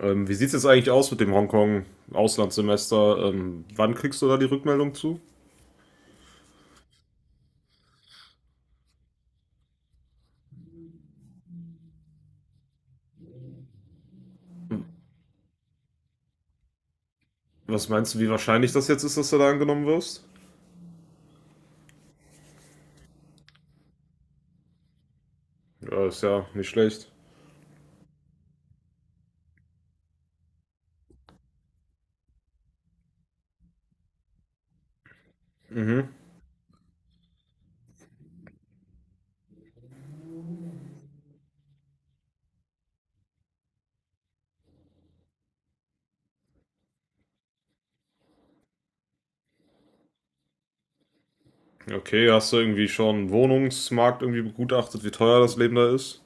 Wie sieht es jetzt eigentlich aus mit dem Hongkong-Auslandssemester? Wann kriegst du da die Rückmeldung zu? Was meinst du, wie wahrscheinlich das jetzt ist, dass du da angenommen wirst? Ja, ist ja nicht schlecht. Mhm. Okay, hast du irgendwie schon einen Wohnungsmarkt irgendwie begutachtet, wie teuer das Leben da ist?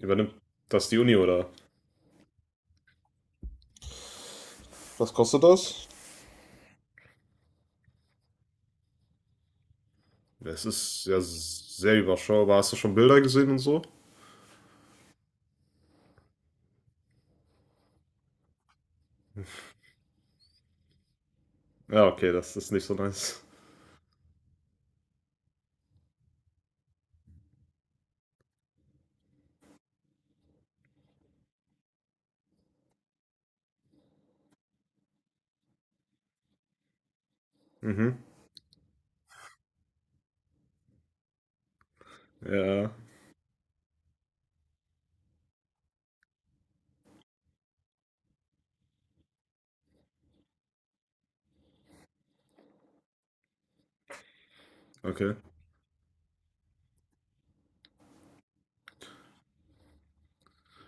Übernimmt das die Uni, oder? Was kostet das? Das ist ja sehr überschaubar. Hast du schon Bilder gesehen und so? Ja, okay, das ist nicht so nice. Mhm. Ja, okay.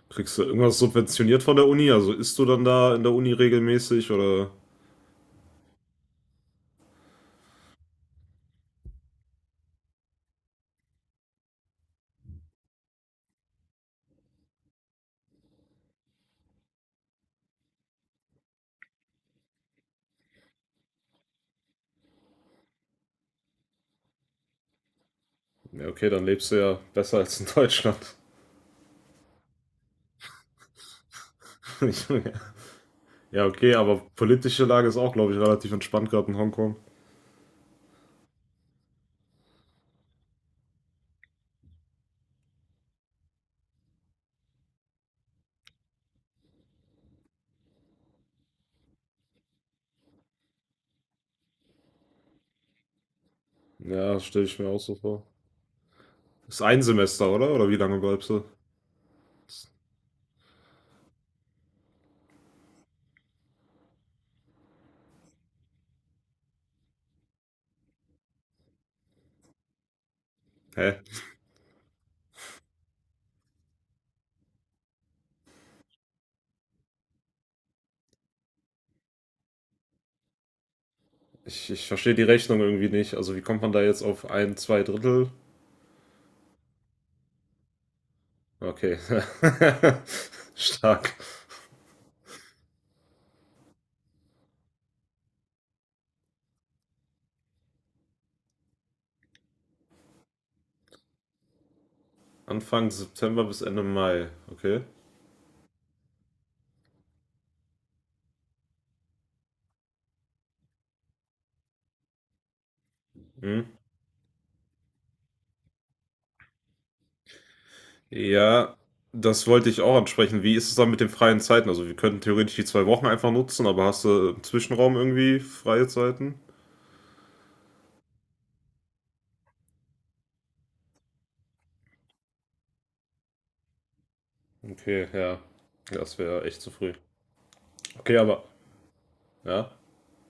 Kriegst du irgendwas subventioniert von der Uni? Also isst du dann da in der Uni regelmäßig oder? Ja, okay, dann lebst du ja besser als in Deutschland. Ja, okay, aber politische Lage ist auch, glaube ich, relativ entspannt gerade in Hongkong. Ja, stelle ich mir auch so vor. Ist ein Semester, oder? Oder wie lange bleibst du? Hä? Ich verstehe die Rechnung irgendwie nicht. Also wie kommt man da jetzt auf ein, zwei Drittel? Okay. Stark. Anfang September bis Ende Mai. Okay. Hm? Ja, das wollte ich auch ansprechen. Wie ist es dann mit den freien Zeiten? Also wir könnten theoretisch die 2 Wochen einfach nutzen, aber hast du im Zwischenraum irgendwie freie Zeiten? Okay, ja. Das wäre echt zu früh. Okay, aber ja,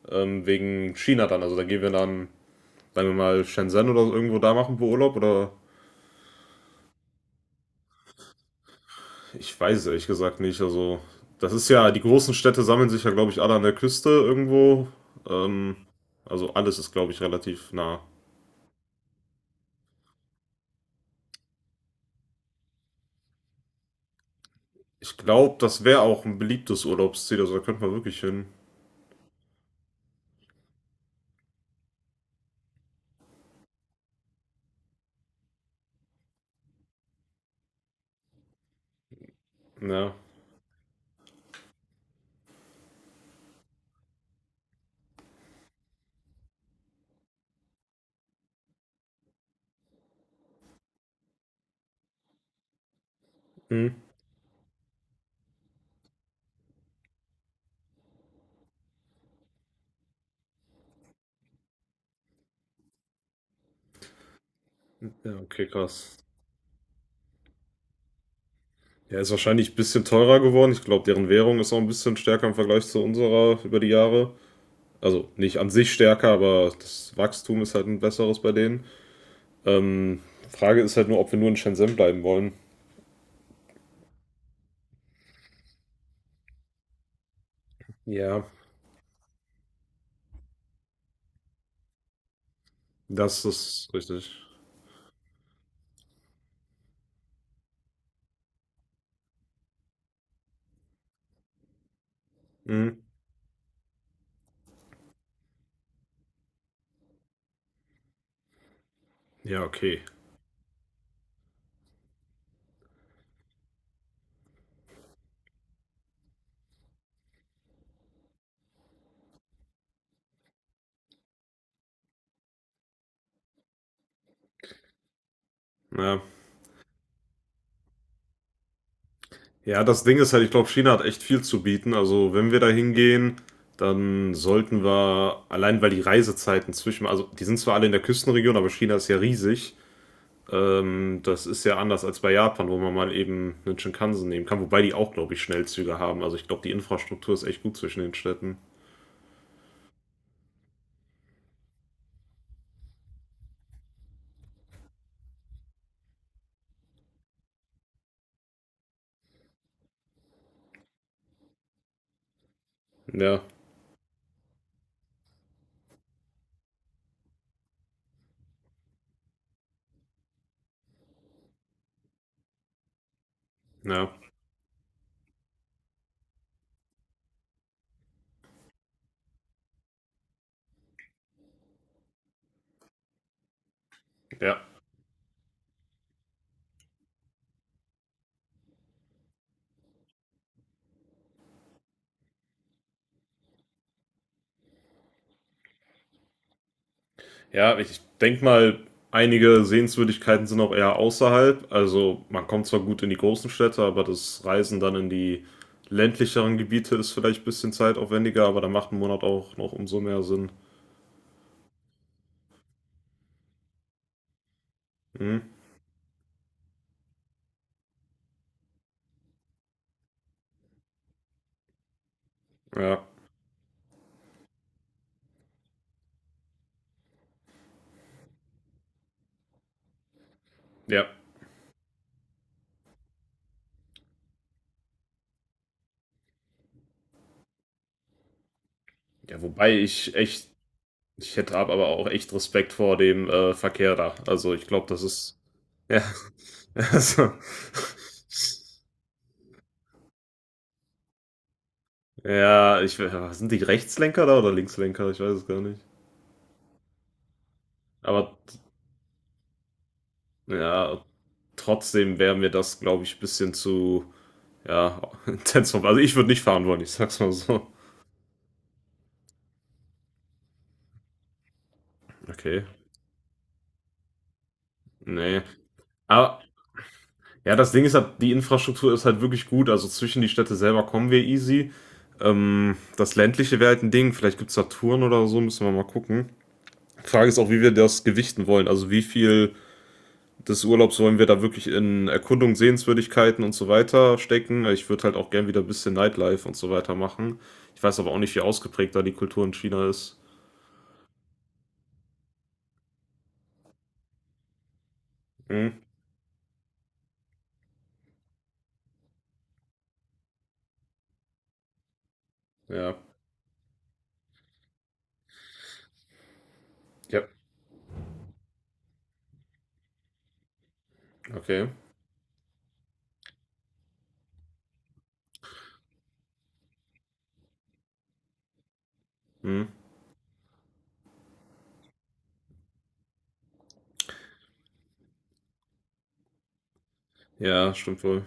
wegen China dann. Also da gehen wir dann, sagen wir mal, Shenzhen oder so irgendwo da machen wir Urlaub oder? Ich weiß es ehrlich gesagt nicht. Also das ist ja, die großen Städte sammeln sich ja, glaube ich, alle an der Küste irgendwo. Ähm, also alles ist, glaube ich, relativ nah. Ich glaube, das wäre auch ein beliebtes Urlaubsziel, also da könnte man wirklich hin. Ja. Hm. Ja, okay, krass. Ja, ist wahrscheinlich ein bisschen teurer geworden. Ich glaube, deren Währung ist auch ein bisschen stärker im Vergleich zu unserer über die Jahre. Also nicht an sich stärker, aber das Wachstum ist halt ein besseres bei denen. Ähm, Frage ist halt nur, ob wir nur in Shenzhen bleiben wollen. Ja, das ist richtig. Hm. Ja, okay. Ja, ja, das Ding ist halt, ich glaube, China hat echt viel zu bieten. Also, wenn wir da hingehen, dann sollten wir, allein weil die Reisezeiten zwischen, also die sind zwar alle in der Küstenregion, aber China ist ja riesig. Das ist ja anders als bei Japan, wo man mal eben einen Shinkansen nehmen kann, wobei die auch, glaube ich, Schnellzüge haben. Also, ich glaube, die Infrastruktur ist echt gut zwischen den Städten. Ja, ja, ja. Ja, ich denke mal, einige Sehenswürdigkeiten sind auch eher außerhalb. Also man kommt zwar gut in die großen Städte, aber das Reisen dann in die ländlicheren Gebiete ist vielleicht ein bisschen zeitaufwendiger, aber da macht ein Monat auch noch umso mehr Sinn. Hm? Ja, ja. Ja, wobei ich echt, ich hätte ab- aber auch echt Respekt vor dem Verkehr da. Also ich glaube, das ist. Ja. Also, ja, ich, we- sind die Rechtslenker da oder Linkslenker? Ich weiß es gar nicht. Aber ja, trotzdem wäre mir das, glaube ich, ein bisschen zu, ja, intens. Also ich würde nicht fahren wollen, ich sag's mal so. Okay, ne. Aber ja, das Ding ist halt, die Infrastruktur ist halt wirklich gut. Also zwischen die Städte selber kommen wir easy. Das ländliche wäre halt ein Ding. Vielleicht gibt's da Touren oder so, müssen wir mal gucken. Frage ist auch, wie wir das gewichten wollen. Also wie viel des Urlaubs wollen wir da wirklich in Erkundung, Sehenswürdigkeiten und so weiter stecken. Ich würde halt auch gern wieder ein bisschen Nightlife und so weiter machen. Ich weiß aber auch nicht, wie ausgeprägt da die Kultur in China ist. Hm, ja. Ja. Okay. Hm. Ja, stimmt wohl.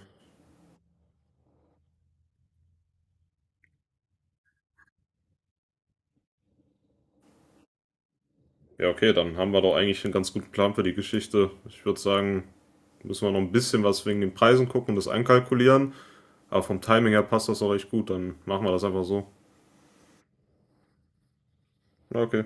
Ja, okay, dann haben wir doch eigentlich einen ganz guten Plan für die Geschichte. Ich würde sagen, müssen wir noch ein bisschen was wegen den Preisen gucken und das einkalkulieren. Aber vom Timing her passt das auch recht gut. Dann machen wir das einfach so. Ja, okay.